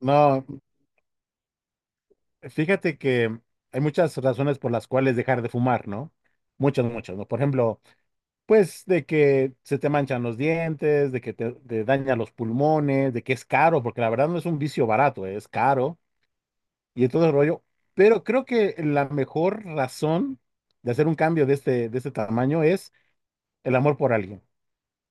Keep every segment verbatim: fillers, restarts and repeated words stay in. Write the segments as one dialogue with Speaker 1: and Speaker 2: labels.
Speaker 1: No, fíjate que hay muchas razones por las cuales dejar de fumar, ¿no? Muchas, muchas, ¿no? Por ejemplo, pues de que se te manchan los dientes, de que te, te daña los pulmones, de que es caro, porque la verdad no es un vicio barato, ¿eh? Es caro y todo el rollo. Pero creo que la mejor razón de hacer un cambio de este, de este tamaño es el amor por alguien.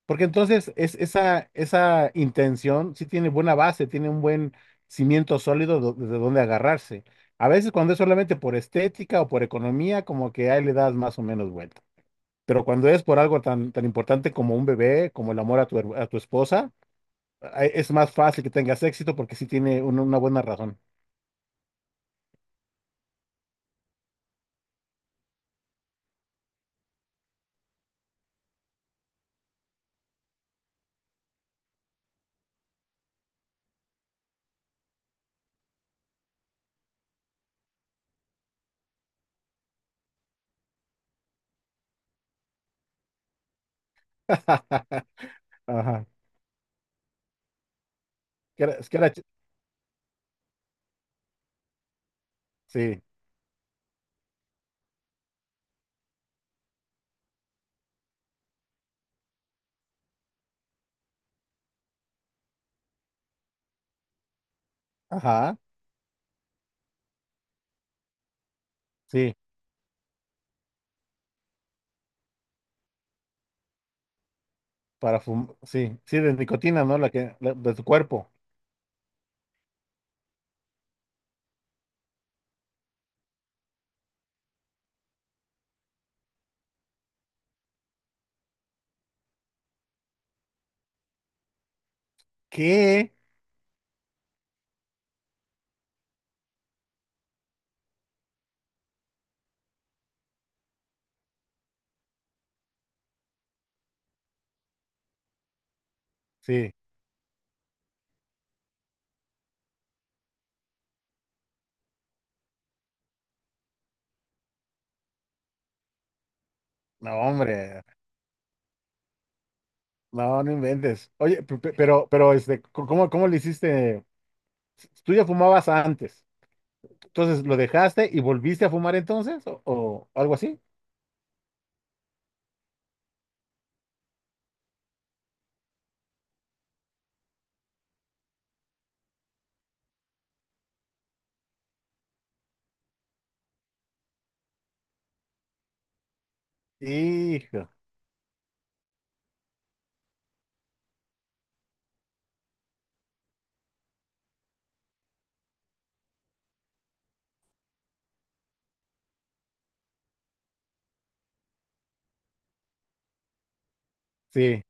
Speaker 1: Porque entonces es, esa, esa intención sí tiene buena base, tiene un buen cimiento sólido do- desde donde agarrarse. A veces cuando es solamente por estética o por economía, como que ahí le das más o menos vuelta. Pero cuando es por algo tan, tan importante como un bebé, como el amor a tu, her- a tu esposa, a- es más fácil que tengas éxito porque sí tiene un- una buena razón. Ajá. Que era- es que era ch- sí, ajá, sí, para fumar, sí, sí, de nicotina, ¿no? La que, la- de tu cuerpo. ¿Qué? Sí. No, hombre, no, no inventes. Oye, pe- pe- pero, pero, este, ¿cómo, cómo le hiciste? Tú ya fumabas antes, entonces lo dejaste y volviste a fumar entonces, o, o algo así. Hijo, sí,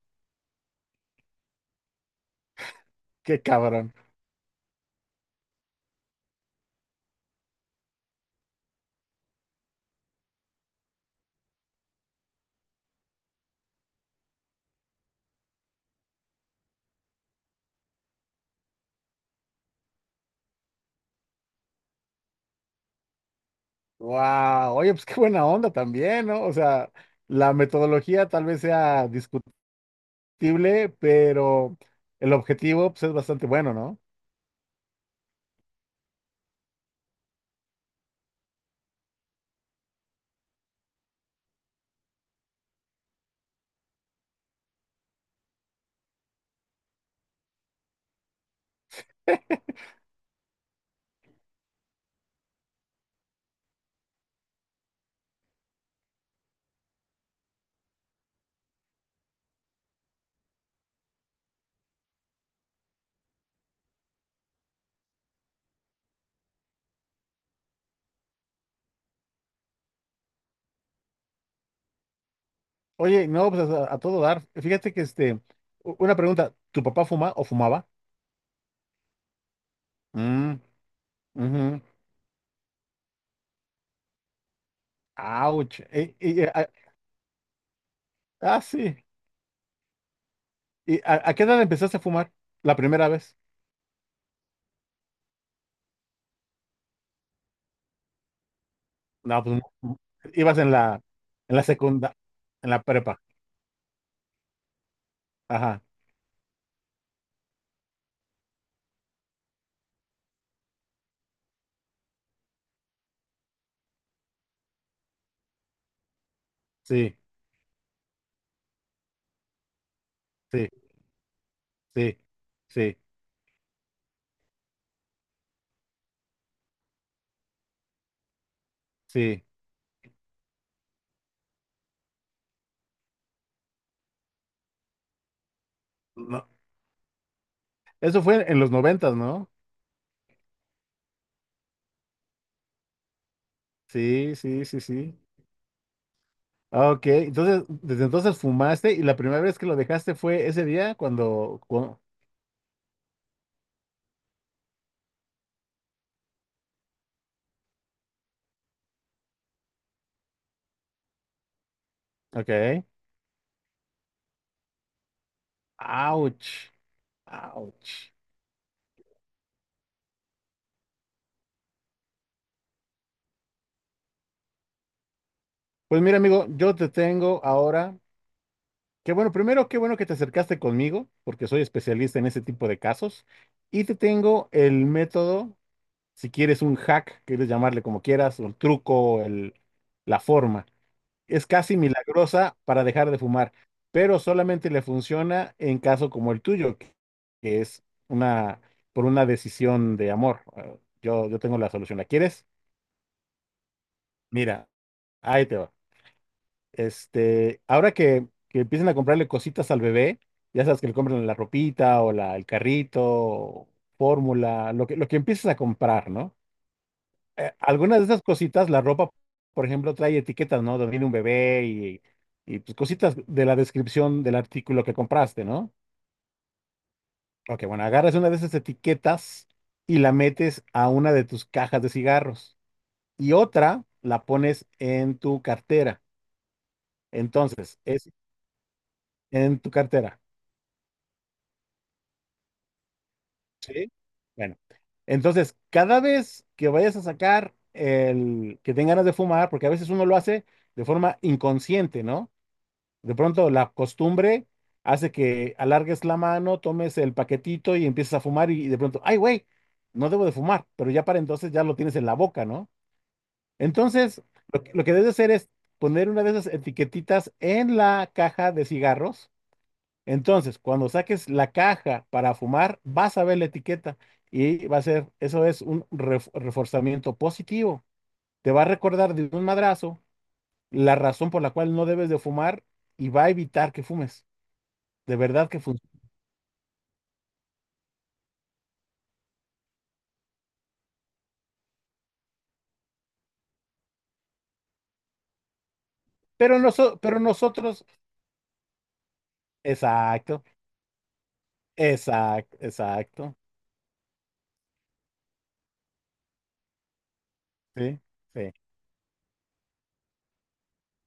Speaker 1: qué cabrón. Wow, oye, pues qué buena onda también, ¿no? O sea, la metodología tal vez sea discutible, pero el objetivo, pues, es bastante bueno, ¿no? Oye, no, pues a, a todo dar. Fíjate que, este, u- una pregunta, ¿tu papá fuma o fumaba? Mm, ujú. Ouch. Eh, y, eh, ah, ah, sí. ¿Y a, a qué edad empezaste a fumar la primera vez? No, pues no. Ibas en la, en la secunda, en la prepa. Ajá. Sí, sí, sí, sí, sí. No. Eso fue en los noventas, ¿no? Sí, sí, sí, sí. Ah, ok, entonces, desde entonces fumaste y la primera vez que lo dejaste fue ese día cuando, cuando... Ok. Ouch. Ouch. Pues mira, amigo, yo te tengo ahora. Qué bueno, primero, qué bueno que te acercaste conmigo, porque soy especialista en ese tipo de casos. Y te tengo el método, si quieres un hack, quieres llamarle como quieras, o el truco, el, la forma. Es casi milagrosa para dejar de fumar, pero solamente le funciona en caso como el tuyo, que que es una, por una decisión de amor. Eh, Yo, yo tengo la solución. ¿La quieres? Mira, ahí te va. Este, ahora que, que empiecen a comprarle cositas al bebé, ya sabes que le compran la ropita o la, el carrito, fórmula, lo que, lo que empieces a comprar, ¿no? Eh, algunas de esas cositas, la ropa, por ejemplo, trae etiquetas, ¿no? Donde viene un bebé y, y pues cositas de la descripción del artículo que compraste, ¿no? Ok, bueno, agarras una de esas etiquetas y la metes a una de tus cajas de cigarros y otra la pones en tu cartera. Entonces, es en tu cartera. Sí. Bueno, entonces, cada vez que vayas a sacar el que tengas ganas de fumar, porque a veces uno lo hace de forma inconsciente, ¿no? De pronto la costumbre hace que alargues la mano, tomes el paquetito y empieces a fumar y, y de pronto, ay, güey, no debo de fumar, pero ya para entonces ya lo tienes en la boca, ¿no? Entonces, lo que, lo que debes hacer es poner una de esas etiquetitas en la caja de cigarros. Entonces, cuando saques la caja para fumar, vas a ver la etiqueta y va a ser, eso es un ref- reforzamiento positivo. Te va a recordar de un madrazo la razón por la cual no debes de fumar y va a evitar que fumes. De verdad que funciona. Pero, noso- pero nosotros, exacto, exacto, exacto. Sí, sí,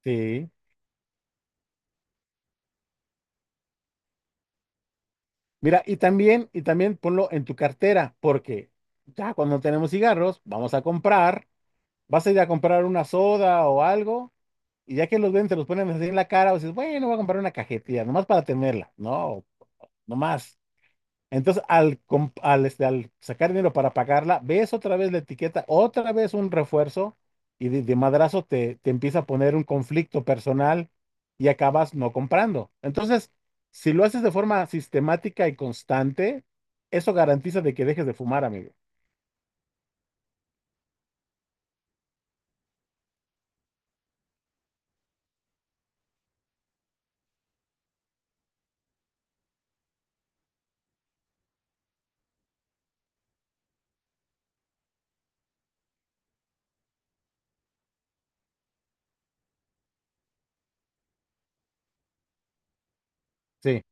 Speaker 1: sí. Mira, y también, y también ponlo en tu cartera, porque ya cuando tenemos cigarros, vamos a comprar, vas a ir a comprar una soda o algo. Y ya que los ven, se los ponen así en la cara, o dices, bueno, voy a comprar una cajetilla, nomás para tenerla. No, nomás. Entonces, al, comp- al, este, al sacar dinero para pagarla, ves otra vez la etiqueta, otra vez un refuerzo, y de, de madrazo te, te empieza a poner un conflicto personal y acabas no comprando. Entonces, si lo haces de forma sistemática y constante, eso garantiza de que dejes de fumar, amigo. Sí.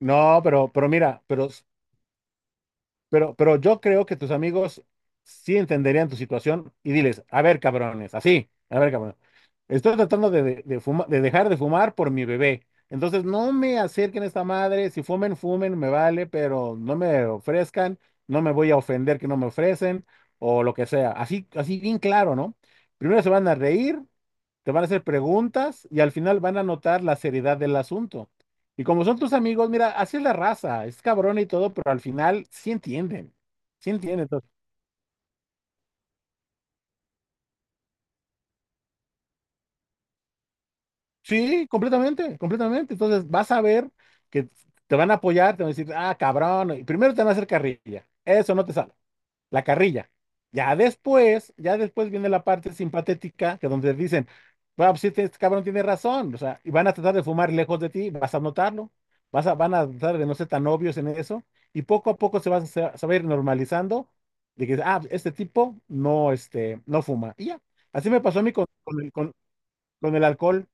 Speaker 1: No, pero, pero mira, pero Pero, pero yo creo que tus amigos sí entenderían tu situación y diles, a ver, cabrones, así, a ver, cabrones, estoy tratando de, de, de fuma- de dejar de fumar por mi bebé. Entonces no me acerquen a esta madre, si fumen, fumen, me vale, pero no me ofrezcan, no me voy a ofender que no me ofrecen o lo que sea. Así, así bien claro, ¿no? Primero se van a reír, te van a hacer preguntas y al final van a notar la seriedad del asunto. Y como son tus amigos, mira, así es la raza, es cabrón y todo, pero al final sí entienden, sí entienden. Entonces, sí, completamente, completamente. Entonces vas a ver que te van a apoyar, te van a decir, ah, cabrón, y primero te van a hacer carrilla, eso no te sale. La carrilla. Ya después, ya después viene la parte simpatética, que donde dicen, bueno, pues sí, este este cabrón tiene razón, o sea, y van a tratar de fumar lejos de ti, vas a notarlo, vas a, van a tratar de no ser tan obvios en eso, y poco a poco se va, a- se va- se va a ir normalizando, de que, ah, pues, este tipo no, este, no fuma, y ya. Así me pasó a mí con, con el, con, con el alcohol.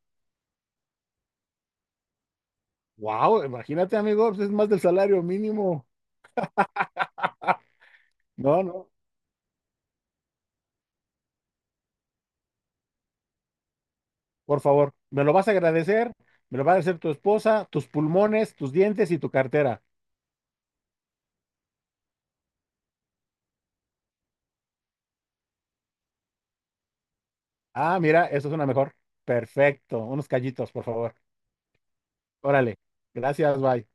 Speaker 1: Wow, imagínate, amigo, pues es más del salario mínimo. No, no. Por favor, me lo vas a agradecer, me lo va a agradecer tu esposa, tus pulmones, tus dientes y tu cartera. Ah, mira, eso es una mejor. Perfecto, unos callitos, por favor. Órale, gracias, bye.